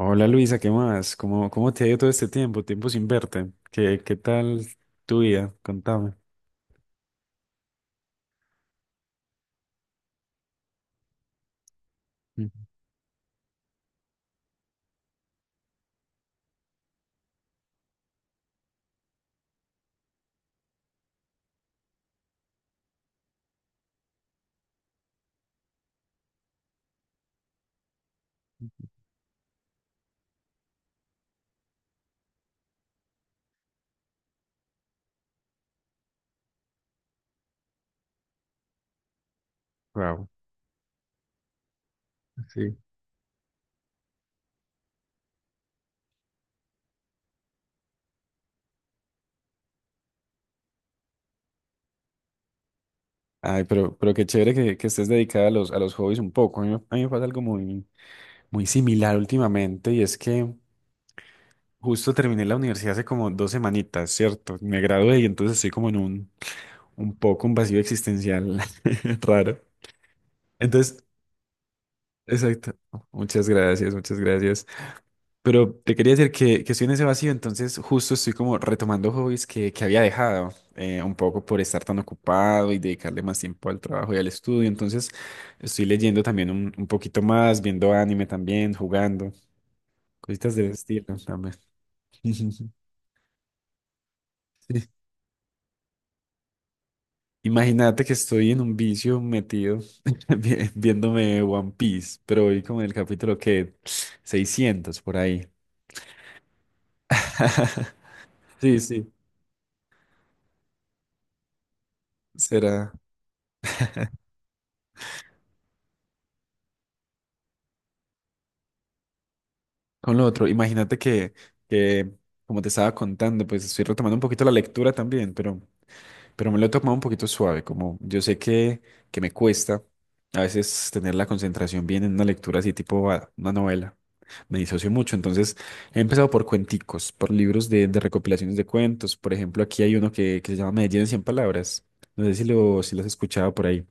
Hola Luisa, ¿qué más? ¿Cómo te ha ido todo este tiempo? Tiempo sin verte. ¿Qué tal tu vida? Contame. Wow, sí. Ay, pero qué chévere que estés dedicada a los hobbies un poco. A mí me pasa algo muy similar últimamente y es que justo terminé la universidad hace como dos semanitas, ¿cierto? Me gradué y entonces estoy como en un vacío existencial raro. Entonces, exacto. Muchas gracias, muchas gracias. Pero te quería decir que estoy en ese vacío, entonces justo estoy como retomando hobbies que había dejado, un poco por estar tan ocupado y dedicarle más tiempo al trabajo y al estudio. Entonces estoy leyendo también un poquito más, viendo anime también, jugando, cositas de estilo también. Sí. Imagínate que estoy en un vicio metido viéndome One Piece, pero hoy como en el capítulo que 600 por ahí. Sí, sí, será. Con lo otro, imagínate que como te estaba contando, pues estoy retomando un poquito la lectura también, pero me lo he tomado un poquito suave, como yo sé que me cuesta a veces tener la concentración bien en una lectura así tipo una novela. Me disocio mucho, entonces he empezado por cuenticos, por libros de recopilaciones de cuentos. Por ejemplo, aquí hay uno que se llama Medellín en 100 palabras. No sé si lo has escuchado por ahí.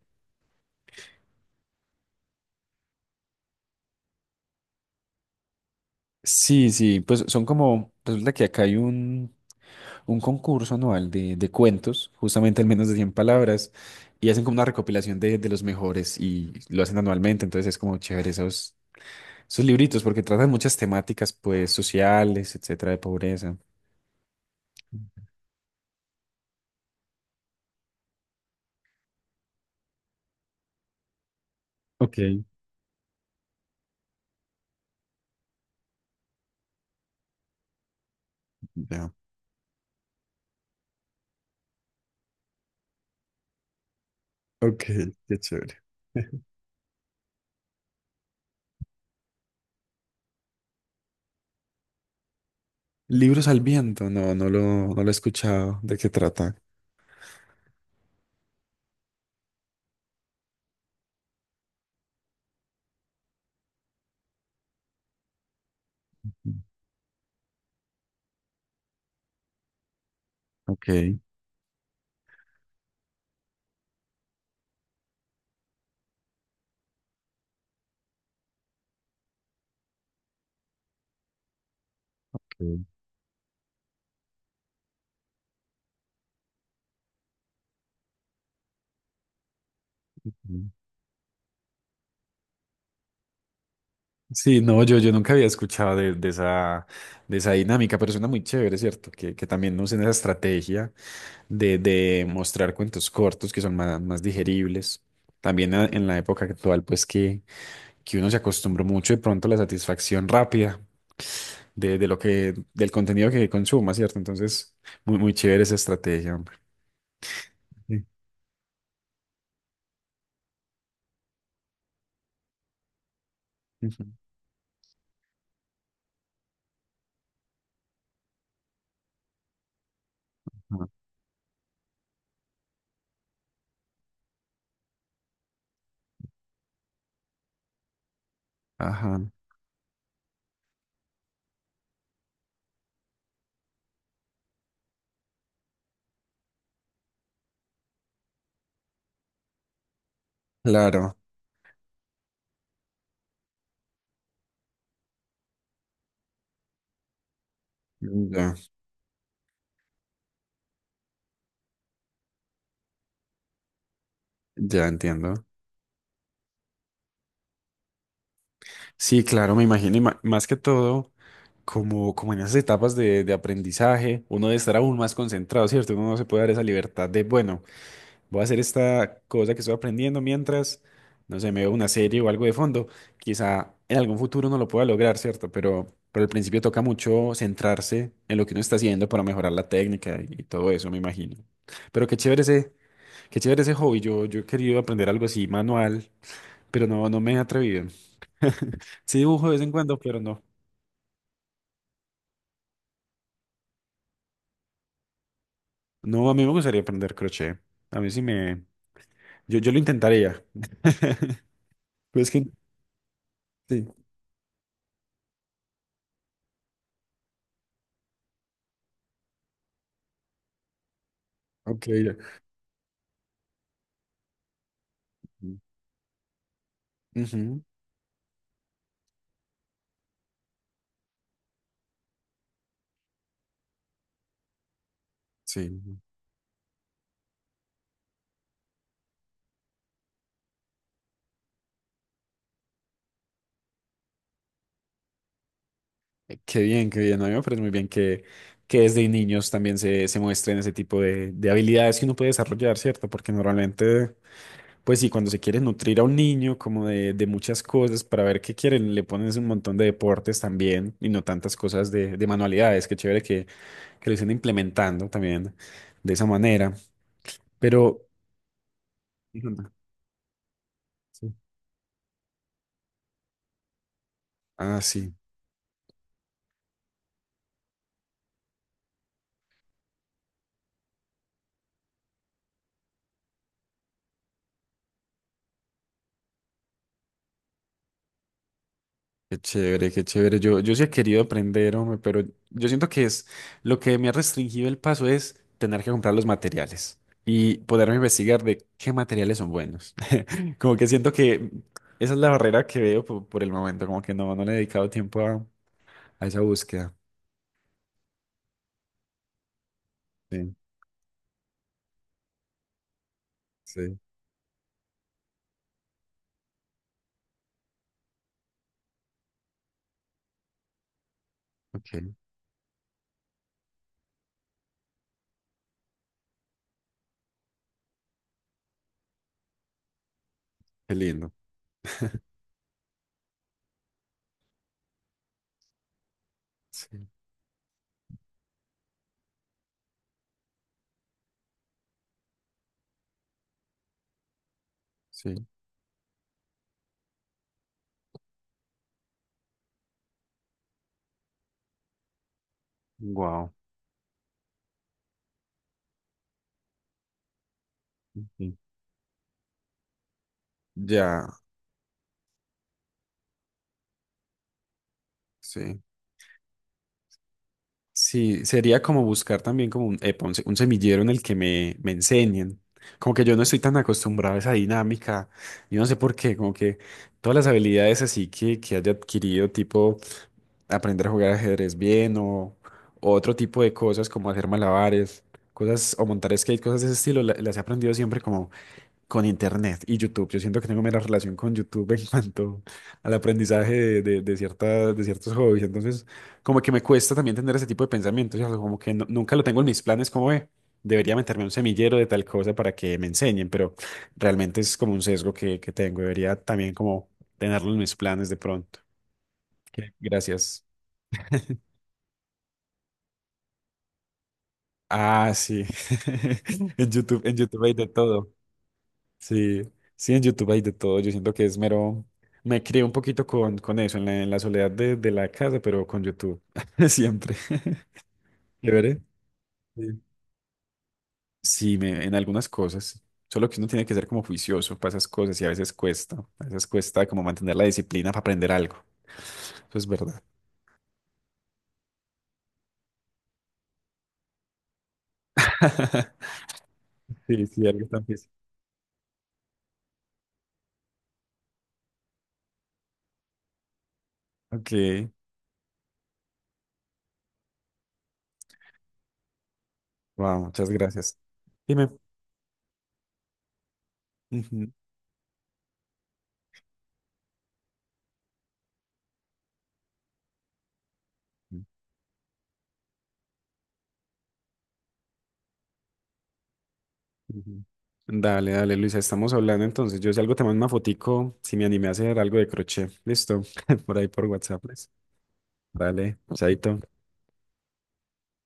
Sí, sí, pues son como, resulta que acá hay un concurso anual de cuentos, justamente al menos de 100 palabras, y hacen como una recopilación de los mejores y lo hacen anualmente, entonces es como chévere esos, esos libritos porque tratan muchas temáticas pues sociales, etcétera, de pobreza. Ok. Ya. Ok, qué chévere. Libros al viento, no lo he escuchado, ¿de qué trata? Ok. Ok, ok. Sí, no, yo nunca había escuchado de esa dinámica, pero suena muy chévere, ¿cierto? Que también usen esa estrategia de mostrar cuentos cortos que son más digeribles. También en la época actual, que uno se acostumbró mucho de pronto a la satisfacción rápida de del contenido que consuma, ¿cierto? Entonces, muy chévere esa estrategia, hombre. Sí. Ujú. Ajá. Ajá, claro. Ya, ya entiendo. Sí, claro, me imagino, y más que todo, como en esas etapas de aprendizaje, uno debe estar aún más concentrado, ¿cierto? Uno no se puede dar esa libertad de, bueno, voy a hacer esta cosa que estoy aprendiendo mientras, no sé, me veo una serie o algo de fondo. Quizá en algún futuro no lo pueda lograr, ¿cierto? Pero al principio toca mucho centrarse en lo que uno está haciendo para mejorar la técnica y todo eso, me imagino. Pero qué chévere ese, Qué chévere ese hobby. Yo he querido aprender algo así manual, pero no me he atrevido. Sí dibujo de vez en cuando, pero no. No, a mí me gustaría aprender crochet. A mí sí me... Yo lo intentaría. Pues que... Sí. Ok. Ya. Ujú. Sí. Qué bien, qué bien. A mí me parece muy bien que desde niños también se muestren ese tipo de habilidades que uno puede desarrollar, ¿cierto? Porque normalmente, pues sí, cuando se quiere nutrir a un niño como de muchas cosas para ver qué quieren, le pones un montón de deportes también y no tantas cosas de manualidades. Qué chévere que lo estén implementando también de esa manera. Pero... Sí. Ah, sí. Qué chévere, qué chévere. Yo sí he querido aprender, hombre, pero yo siento que es lo que me ha restringido el paso es tener que comprar los materiales y poderme investigar de qué materiales son buenos. Como que siento que esa es la barrera que veo por el momento, como que no le he dedicado tiempo a esa búsqueda. Sí, sí. Ok, qué lindo. Sí, sí. Wow. Ya, sí. Sí, sería como buscar también como un, epa, un, un semillero en el que me enseñen. Como que yo no estoy tan acostumbrado a esa dinámica. Yo no sé por qué, como que todas las habilidades así que haya adquirido, tipo aprender a jugar ajedrez bien o otro tipo de cosas como hacer malabares, cosas o montar skate, cosas de ese estilo, las he aprendido siempre como con Internet y YouTube. Yo siento que tengo menos relación con YouTube en cuanto al aprendizaje de ciertos hobbies. Entonces, como que me cuesta también tener ese tipo de pensamientos. ¿Cierto? Como que nunca lo tengo en mis planes, como ve, debería meterme a un semillero de tal cosa para que me enseñen, pero realmente es como un sesgo que tengo. Debería también como tenerlo en mis planes de pronto. Ok, gracias. Ah, sí. En YouTube hay de todo. Sí, sí, en YouTube hay de todo. Yo siento que es mero. Me crié un poquito con eso, en la soledad de la casa, pero con YouTube. Siempre. Chévere. Sí, sí, en algunas cosas. Solo que uno tiene que ser como juicioso para esas cosas y a veces cuesta. A veces cuesta como mantener la disciplina para aprender algo. Eso es verdad. Sí, sí, algo tan difícil. Ok. Wow, muchas gracias. Dime. Ujú. Ujú. Dale, dale, Luisa, estamos hablando entonces. Yo si algo te mando una fotico, si me animé a hacer algo de crochet. Listo, por ahí por WhatsApp, pues. Dale, chaito.